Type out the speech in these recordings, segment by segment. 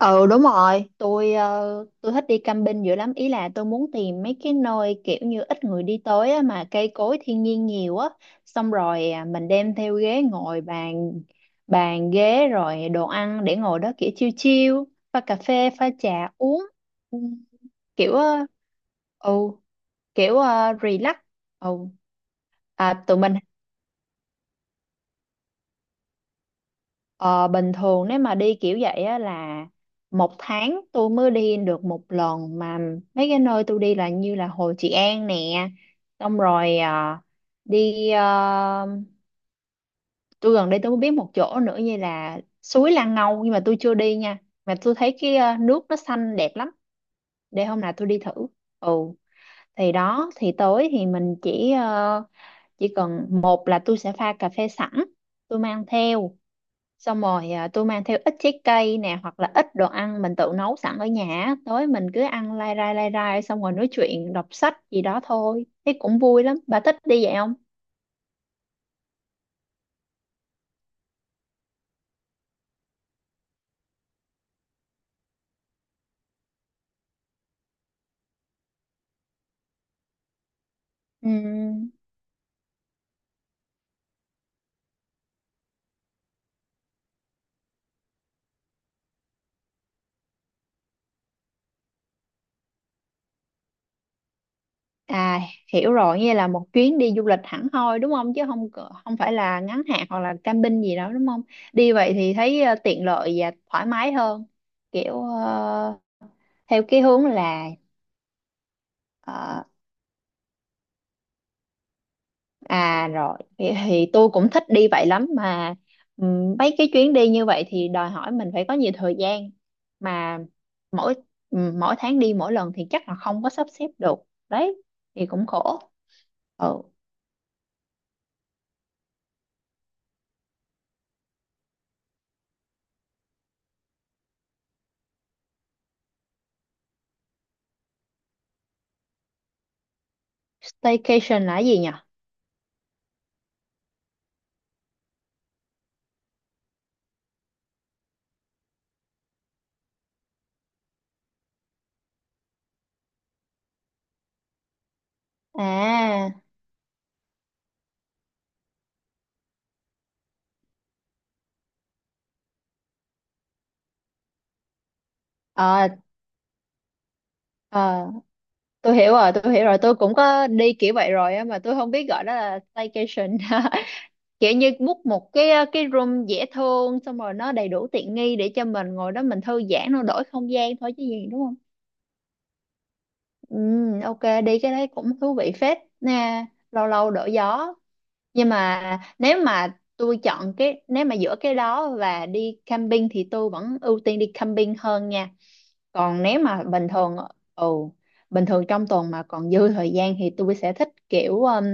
Ừ, đúng rồi, tôi thích đi camping dữ lắm. Ý là tôi muốn tìm mấy cái nơi kiểu như ít người đi tới á, mà cây cối thiên nhiên nhiều á, xong rồi mình đem theo ghế ngồi bàn bàn ghế rồi đồ ăn để ngồi đó kiểu chill chill, pha cà phê, pha trà uống. Ừ. Kiểu ờ, ừ, kiểu relax. Ừ. À, tụi mình. Ờ, bình thường nếu mà đi kiểu vậy á là một tháng tôi mới đi được một lần, mà mấy cái nơi tôi đi là như là Hồ Trị An nè, xong rồi đi ờ, tôi gần đây tôi mới biết một chỗ nữa như là suối Lan Ngâu, nhưng mà tôi chưa đi nha. Mà tôi thấy cái nước nó xanh đẹp lắm, để hôm nào tôi đi thử. Ừ, thì đó thì tối thì mình chỉ cần một là tôi sẽ pha cà phê sẵn tôi mang theo, xong rồi tôi mang theo ít trái cây nè, hoặc là ít đồ ăn mình tự nấu sẵn ở nhà á. Tối mình cứ ăn lai rai xong rồi nói chuyện đọc sách gì đó thôi, thấy cũng vui lắm. Bà thích đi vậy không? Ừm, à, hiểu rồi, như là một chuyến đi du lịch hẳn hoi đúng không, chứ không không phải là ngắn hạn hoặc là camping gì đó đúng không. Đi vậy thì thấy tiện lợi và thoải mái hơn, kiểu ờ, theo cái hướng là ờ, À rồi, thì tôi cũng thích đi vậy lắm, mà mấy cái chuyến đi như vậy thì đòi hỏi mình phải có nhiều thời gian mà. Mỗi Mỗi tháng đi mỗi lần thì chắc là không có sắp xếp được. Đấy, thì cũng khổ. Ừ, staycation là cái gì nhỉ? À, ờ, ờ, tôi hiểu rồi, tôi hiểu rồi, tôi cũng có đi kiểu vậy rồi á, mà tôi không biết gọi đó là staycation. Kiểu như book một cái cái room dễ thương, xong rồi nó đầy đủ tiện nghi để cho mình ngồi đó mình thư giãn, nó đổi không gian thôi chứ gì, đúng không? Ừ, ok, đi cái đấy cũng thú vị phết nè, lâu lâu đổi gió. Nhưng mà nếu mà tôi chọn cái nếu mà giữa cái đó và đi camping thì tôi vẫn ưu tiên đi camping hơn nha. Còn nếu mà bình thường, ừ, bình thường trong tuần mà còn dư thời gian thì tôi sẽ thích kiểu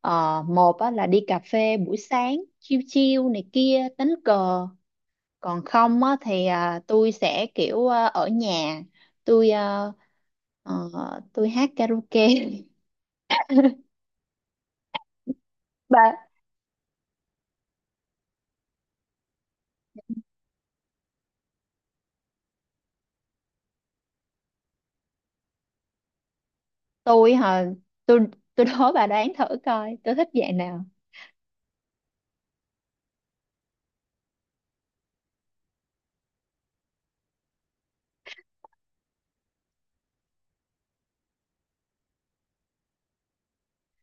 ờ, một á, là đi cà phê buổi sáng chill chill này kia đánh cờ. Còn không á, thì tôi sẽ kiểu ở nhà, tôi à, ờ, tôi hát karaoke. Bà. Tôi hả? Tôi, tôi đố bà đoán thử coi tôi thích dạng nào.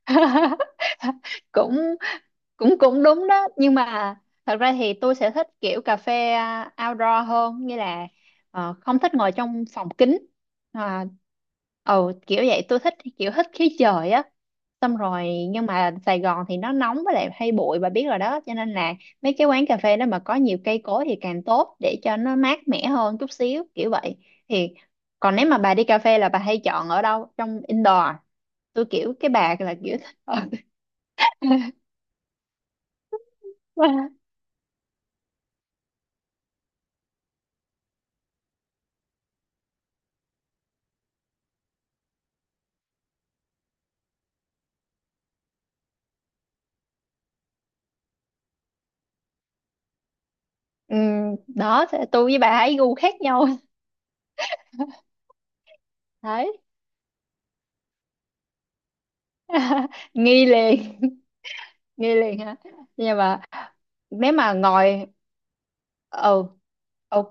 cũng cũng cũng đúng đó, nhưng mà thật ra thì tôi sẽ thích kiểu cà phê outdoor hơn, như là không thích ngồi trong phòng kính. À, ừ, kiểu vậy, tôi thích kiểu thích khí trời á. Xong rồi, nhưng mà Sài Gòn thì nó nóng với lại hay bụi bà biết rồi đó, cho nên là mấy cái quán cà phê đó mà có nhiều cây cối thì càng tốt, để cho nó mát mẻ hơn chút xíu kiểu vậy. Thì còn nếu mà bà đi cà phê là bà hay chọn ở đâu, trong indoor? Tôi kiểu cái bà là kiểu thích ở. Ừ, đó, thế tôi với bà ấy gu khác nhau. Đấy. Nghi liền. Nghi liền hả? Nhưng mà nếu mà ngồi, ừ, ok,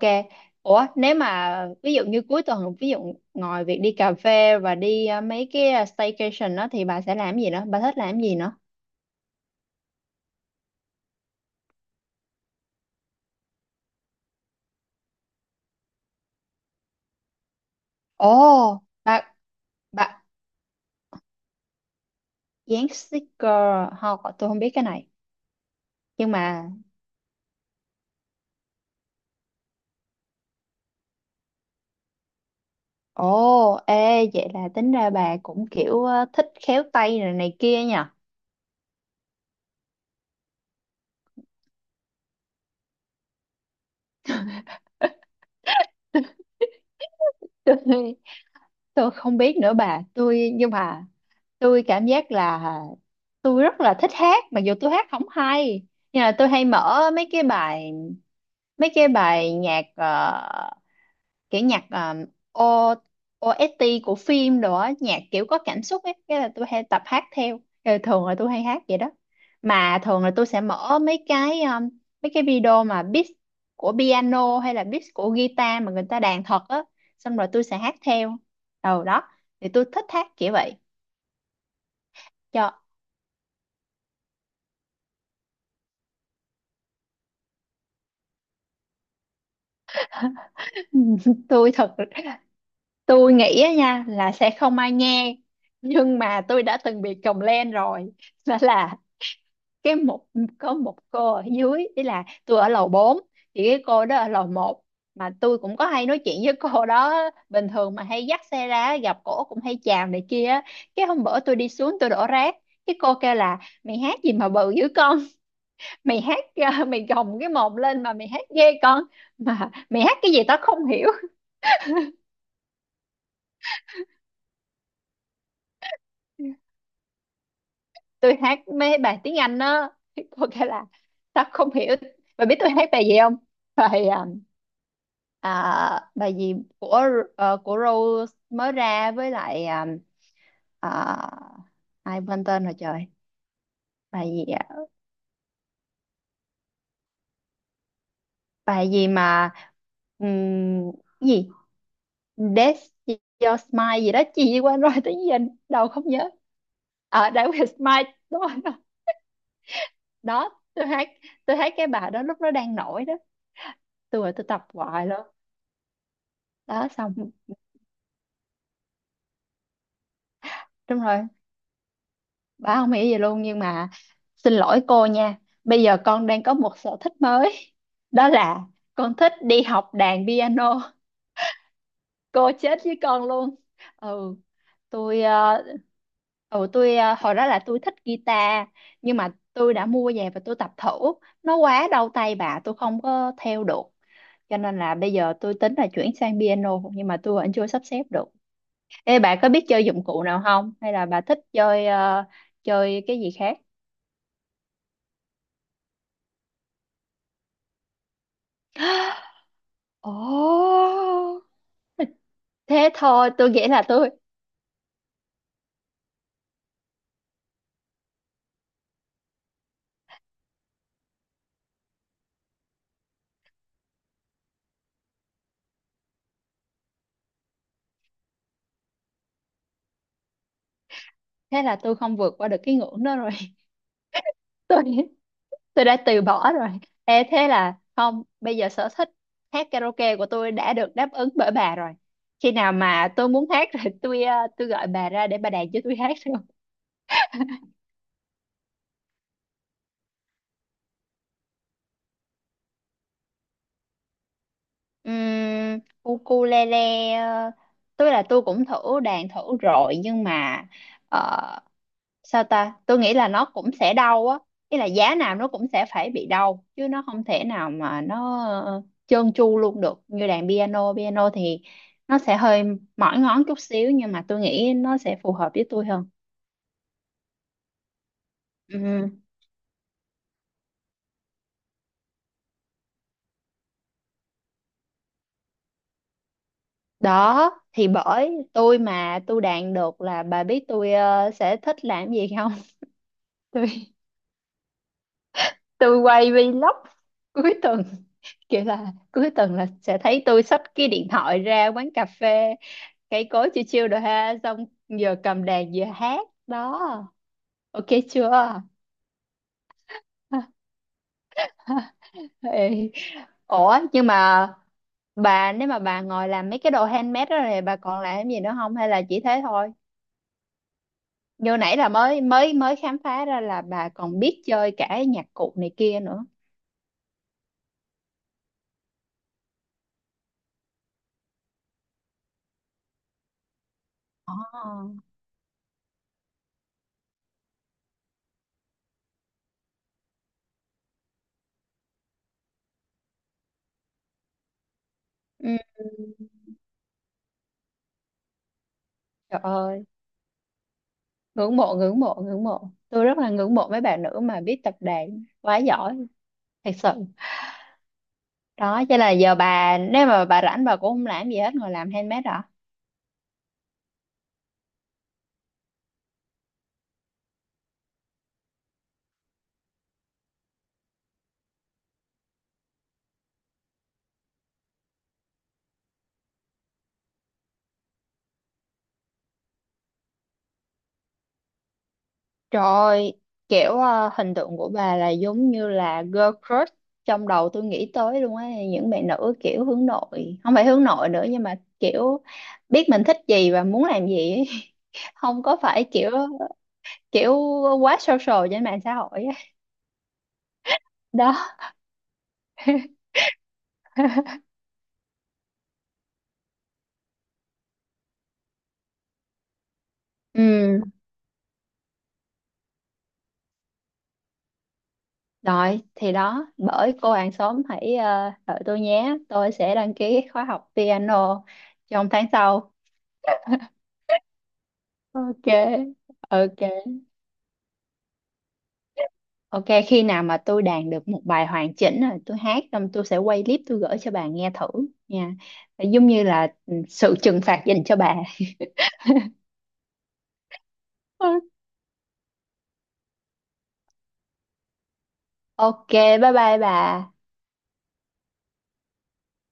ủa nếu mà ví dụ như cuối tuần, ví dụ ngồi việc đi cà phê và đi mấy cái staycation đó, thì bà sẽ làm gì nữa, bà thích làm gì nữa? Ồ, bà bà dán sticker không, tôi không biết cái này. Nhưng mà ồ, ê, vậy là tính ra bà cũng kiểu thích khéo tay này này kia nhỉ. Tôi tôi không biết nữa bà, tôi nhưng mà tôi cảm giác là tôi rất là thích hát, mặc dù tôi hát không hay. Nhưng là tôi hay mở mấy cái bài nhạc kiểu nhạc O OST của phim đồ á, nhạc kiểu có cảm xúc ấy, cái là tôi hay tập hát theo. Ờ, thường là tôi hay hát vậy đó. Mà thường là tôi sẽ mở mấy cái video mà beat của piano hay là beat của guitar mà người ta đàn thật á, xong rồi tôi sẽ hát theo đầu đó. Thì tôi thích hát kiểu vậy cho. Tôi thật, tôi nghĩ á nha là sẽ không ai nghe, nhưng mà tôi đã từng bị còng len rồi. Đó là cái có một cô ở dưới, ý là tôi ở lầu 4 thì cái cô đó ở lầu một, mà tôi cũng có hay nói chuyện với cô đó bình thường, mà hay dắt xe ra gặp cổ cũng hay chào này kia á. Cái hôm bữa tôi đi xuống tôi đổ rác, cái cô kêu là mày hát gì mà bự dữ con, mày hát mày gồng cái mồm lên mà mày hát ghê con, mà mày hát cái gì tao không hiểu. Tôi hát mấy bài tiếng Anh đó, có cái là tao không hiểu. Bà biết tôi hát bài gì không? bài à, Bài gì của của Rose mới ra, với lại à, ai quên tên rồi trời. Bài gì ạ? Bài gì mà ừm, cái gì That's Your Smile gì đó chị quên rồi tới giờ. Đầu không nhớ. Ở, That Was Smile, đúng rồi đó. Đó tôi hát, tôi hát cái bài đó lúc nó đang nổi đó. Tôi tập hoài luôn. Đó xong. Đúng rồi, bà không nghĩ gì luôn. Nhưng mà xin lỗi cô nha, bây giờ con đang có một sở thích mới, đó là con thích đi học đàn piano, cô chết với con luôn. Ừ, tôi ờ, hồi đó là tôi thích guitar, nhưng mà tôi đã mua về và tôi tập thử, nó quá đau tay bà, tôi không có theo được. Cho nên là bây giờ tôi tính là chuyển sang piano, nhưng mà tôi vẫn chưa sắp xếp được. Ê bà có biết chơi dụng cụ nào không? Hay là bà thích chơi chơi cái gì khác? Ồ, thế thôi, tôi nghĩ là tôi. Thế là tôi không vượt qua được cái ngưỡng đó rồi. Tôi, tôi đã từ bỏ rồi. Ê, thế là không, bây giờ sở thích hát karaoke của tôi đã được đáp ứng bởi bà rồi. Khi nào mà tôi muốn hát rồi, tôi gọi bà ra để bà đàn cho tôi hát rồi. Uhm, ukulele, ờ, tôi là tôi cũng thử đàn thử rồi, nhưng mà sao ta, tôi nghĩ là nó cũng sẽ đau á. Ý là giá nào nó cũng sẽ phải bị đau chứ, nó không thể nào mà nó trơn tru luôn được. Như đàn piano piano thì nó sẽ hơi mỏi ngón chút xíu, nhưng mà tôi nghĩ nó sẽ phù hợp với tôi hơn. Ừ. Đó thì bởi tôi mà tôi đàn được là bà biết tôi sẽ thích làm gì không? tôi tôi quay vlog cuối tuần, kiểu là cuối tuần là sẽ thấy tôi xách cái điện thoại ra quán cà phê cây cối chiêu chiêu rồi ha, xong vừa cầm đàn vừa hát đó. Ok chưa? Ê, ủa nhưng mà bà nếu mà bà ngồi làm mấy cái đồ handmade đó này bà còn làm cái gì nữa không, hay là chỉ thế thôi? Như nãy là mới mới mới khám phá ra là bà còn biết chơi cả nhạc cụ này kia nữa. Ồ. Ừ, trời ơi, ngưỡng mộ, tôi rất là ngưỡng mộ mấy bạn nữ mà biết tập đàn quá giỏi, thật sự. Đó cho nên là giờ bà nếu mà bà rảnh bà cũng không làm gì hết, ngồi làm handmade hả? Trời ơi, kiểu hình tượng của bà là giống như là girl crush trong đầu tôi, nghĩ tới luôn á, những bạn nữ kiểu hướng nội, không phải hướng nội nữa nhưng mà kiểu biết mình thích gì và muốn làm gì ấy. Không có phải kiểu kiểu quá social trên mạng xã hội á. Đó. Ừ rồi, thì đó bởi cô hàng xóm hãy đợi tôi nhé, tôi sẽ đăng ký khóa học piano trong tháng sau. Ok, ok, ok, khi nào mà tôi đàn được một bài hoàn chỉnh rồi tôi hát xong tôi sẽ quay clip tôi gửi cho bà nghe thử nha, giống như là ừ, sự trừng phạt dành cho bà. Ok, bye bye bà.